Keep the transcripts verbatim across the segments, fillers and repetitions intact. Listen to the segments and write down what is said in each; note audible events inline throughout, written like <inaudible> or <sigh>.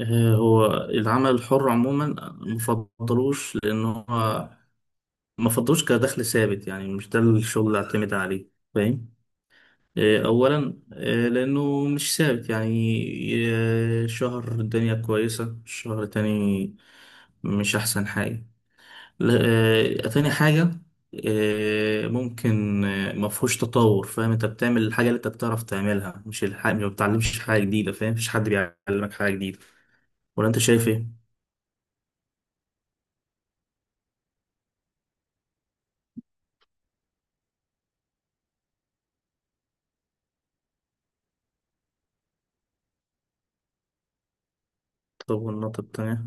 آه، هو العمل الحر عموما مفضلوش، لان هو مفضلوش كدخل ثابت. يعني مش ده الشغل اللي اعتمد عليه، فاهم؟ آه، اولا آه، لانه مش ثابت يعني. آه، شهر الدنيا كويسة، شهر تاني مش احسن حاجة. لا. آه، تاني حاجة، آه، ممكن آه، مفهوش تطور. فاهم؟ انت بتعمل الحاجة اللي انت بتعرف تعملها، مش الحاجة ما بتعلمش حاجة جديدة. فاهم؟ مفيش حد بيعلمك حاجة جديدة، ولا انت شايف ايه؟ طب والنقطة التانية؟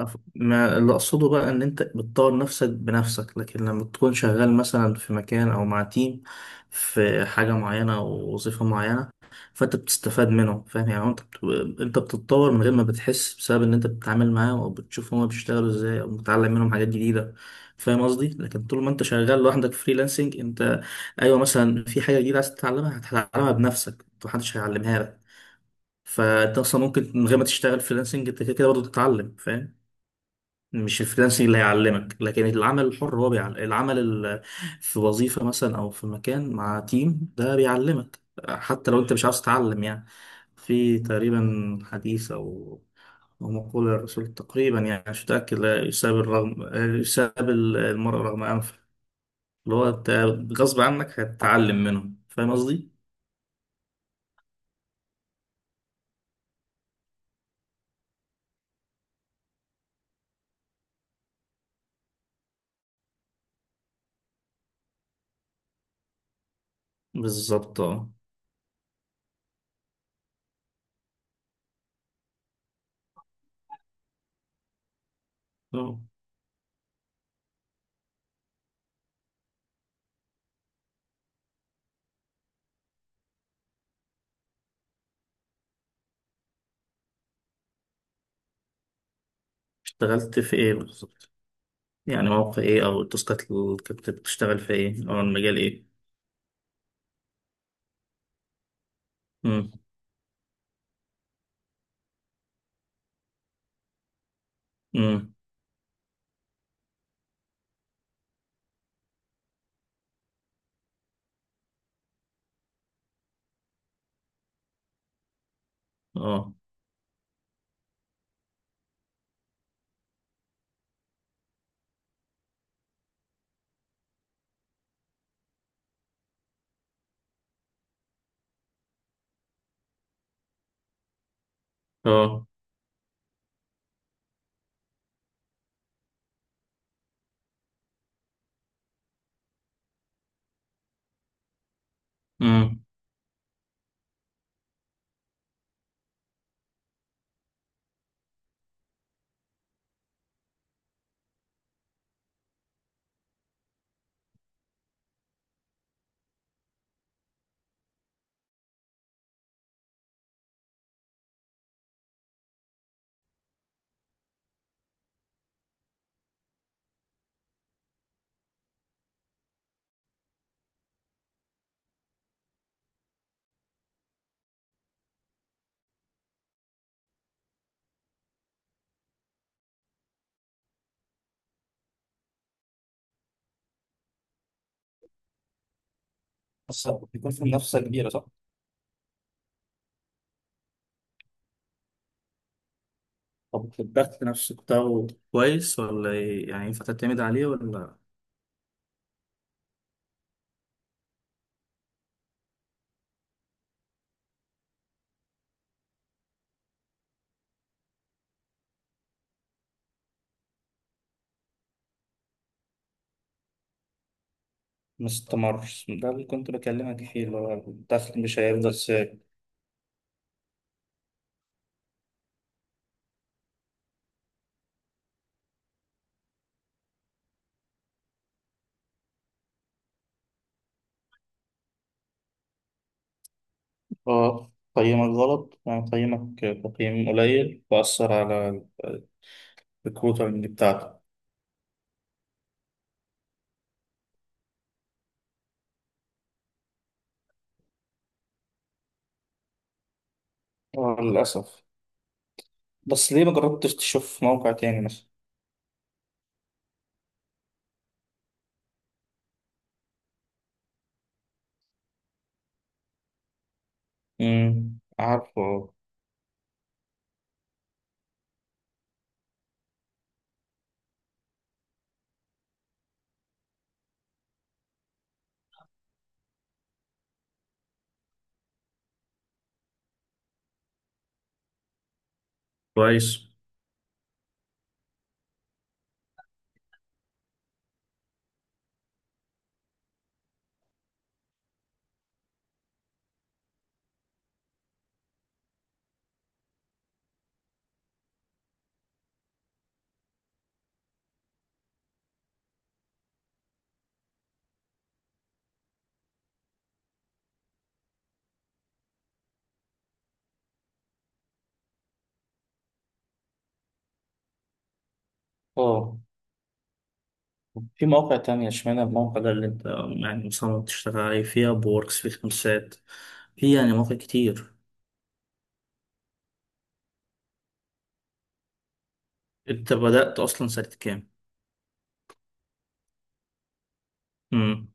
أف- ما اللي أقصده بقى إن أنت بتطور نفسك بنفسك، لكن لما تكون شغال مثلا في مكان أو مع تيم في حاجة معينة أو وظيفة معينة، فأنت بتستفاد منه. فاهم؟ يعني أنت بت... أنت بتتطور من غير ما بتحس، بسبب إن أنت بتتعامل معاه أو بتشوف هما بيشتغلوا إزاي، أو بتتعلم منهم حاجات جديدة. فاهم قصدي؟ لكن طول ما أنت شغال لوحدك فريلانسنج، أنت أيوه مثلا في حاجة جديدة عايز تتعلمها هتتعلمها بنفسك، محدش هيعلمها لك. فانت اصلا ممكن من غير ما تشتغل فريلانسنج انت كده كده برضه تتعلم. فاهم؟ مش الفريلانسنج اللي هيعلمك، لكن العمل الحر هو بيعلم. العمل ال- في وظيفة مثلا او في مكان مع تيم ده بيعلمك، حتى لو انت مش عاوز تتعلم يعني. في تقريبا حديث او أو مقولة الرسول، تقريبا يعني مش متأكد، لا يساب الرغم يساب المرء رغم أنفه. اللي هو أنت غصب عنك هتتعلم منهم. فاهم قصدي؟ بالظبط، اه. آه. اشتغلت في إيه بالظبط؟ يعني مواقع ايه، او التاسكات اللي كنت بتشتغل في ايه، او المجال ايه؟ امم. امم. اه، اه. امم. بس بيكون في منافسة كبيرة، صح؟ طب الضغط نفسه بتاعه كويس ولا إيه؟ يعني ينفع تعتمد عليه ولا مستمر؟ ده اللي كنت بكلمك فيه، اللي هو الدخل مش هيفضل ثابت. اه، قيمك غلط، يعني قيمك تقييم قليل، وأثر على الريكروتنج بتاعتك. اه، للأسف. بس ليه ما جربتش تشوف موقع تاني مثلا؟ امم، عارفه. كويس. اه. في مواقع تانية، اشمعنى الموقع ده اللي انت يعني مصمم تشتغل عليه؟ فيها بوركس، في خمسات، في يعني مواقع كتير. انت بدأت اصلا سنة كام؟ مم.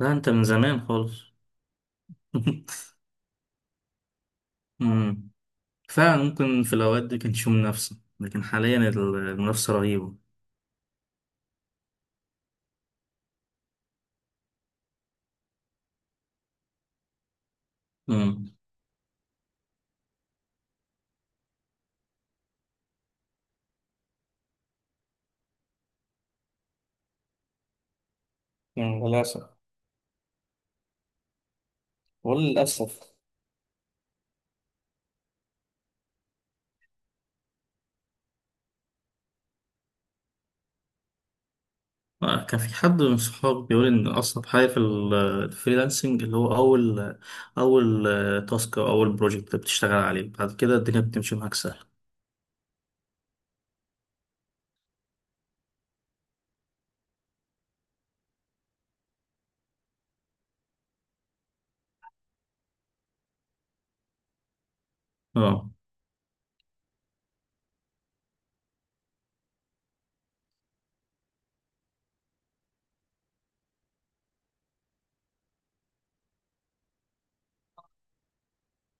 لا انت من زمان خالص. <laughs> مم. فعلا ممكن في الاوقات دي كانش في منافسة، لكن حاليا المنافسة رهيبة. مم. مم، للأسف. وللأسف. آه، كان في حد من صحابي بيقول ان اصعب حاجه في ال- الفريلانسنج اللي هو اول اول آه، تاسك او اول بروجكت بتشتغل عليه، بعد كده الدنيا بتمشي معاك سهل. اه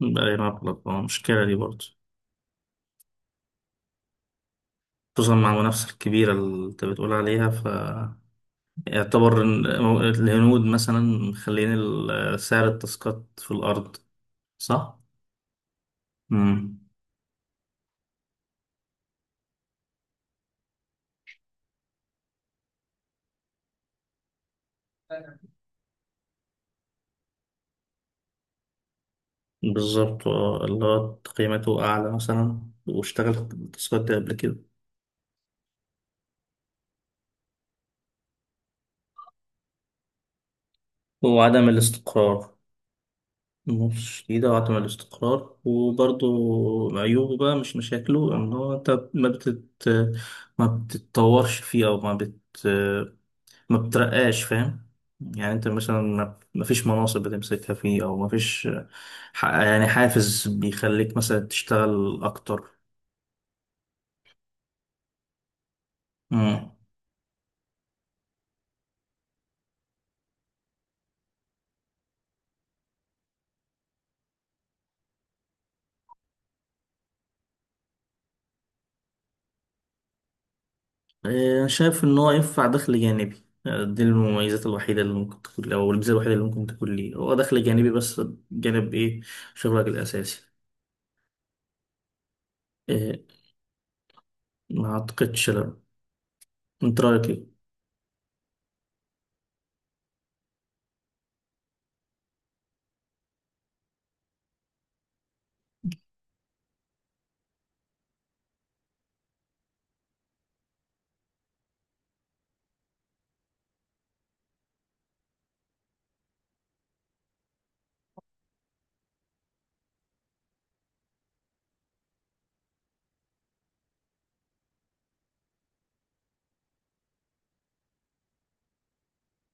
بقى مبلغ، اه المشكله دي برضه. خصوصا مع المنافسه الكبيره اللي انت بتقول عليها، ف يعتبر إن الهنود مثلا مخلين ال- سعر التاسكات في الارض، صح؟ امم. بالظبط، آه، اللي هو قيمته اعلى مثلا، واشتغل التاسكات دي قبل كده. وعدم الاستقرار شديدة، وعدم الاستقرار. وبرضو عيوبه بقى، مش مشاكله، إن هو أنت ما بتت ما بتتطورش فيه، أو ما بت ما بترقاش. فاهم؟ يعني أنت مثلا ما ما فيش مناصب بتمسكها فيه، أو ما فيش ح- يعني حافز بيخليك مثلا تشتغل أكتر. مم. إيه، شايف إن هو ينفع دخل جانبي. آه، دي المميزات الوحيدة اللي ممكن تكون، أو الميزة الوحيدة اللي ممكن تكون ليه، هو دخل جانبي بس، جانب إيه؟ شغلك الأساسي. آه، ما أعتقدش له. من تراي كي.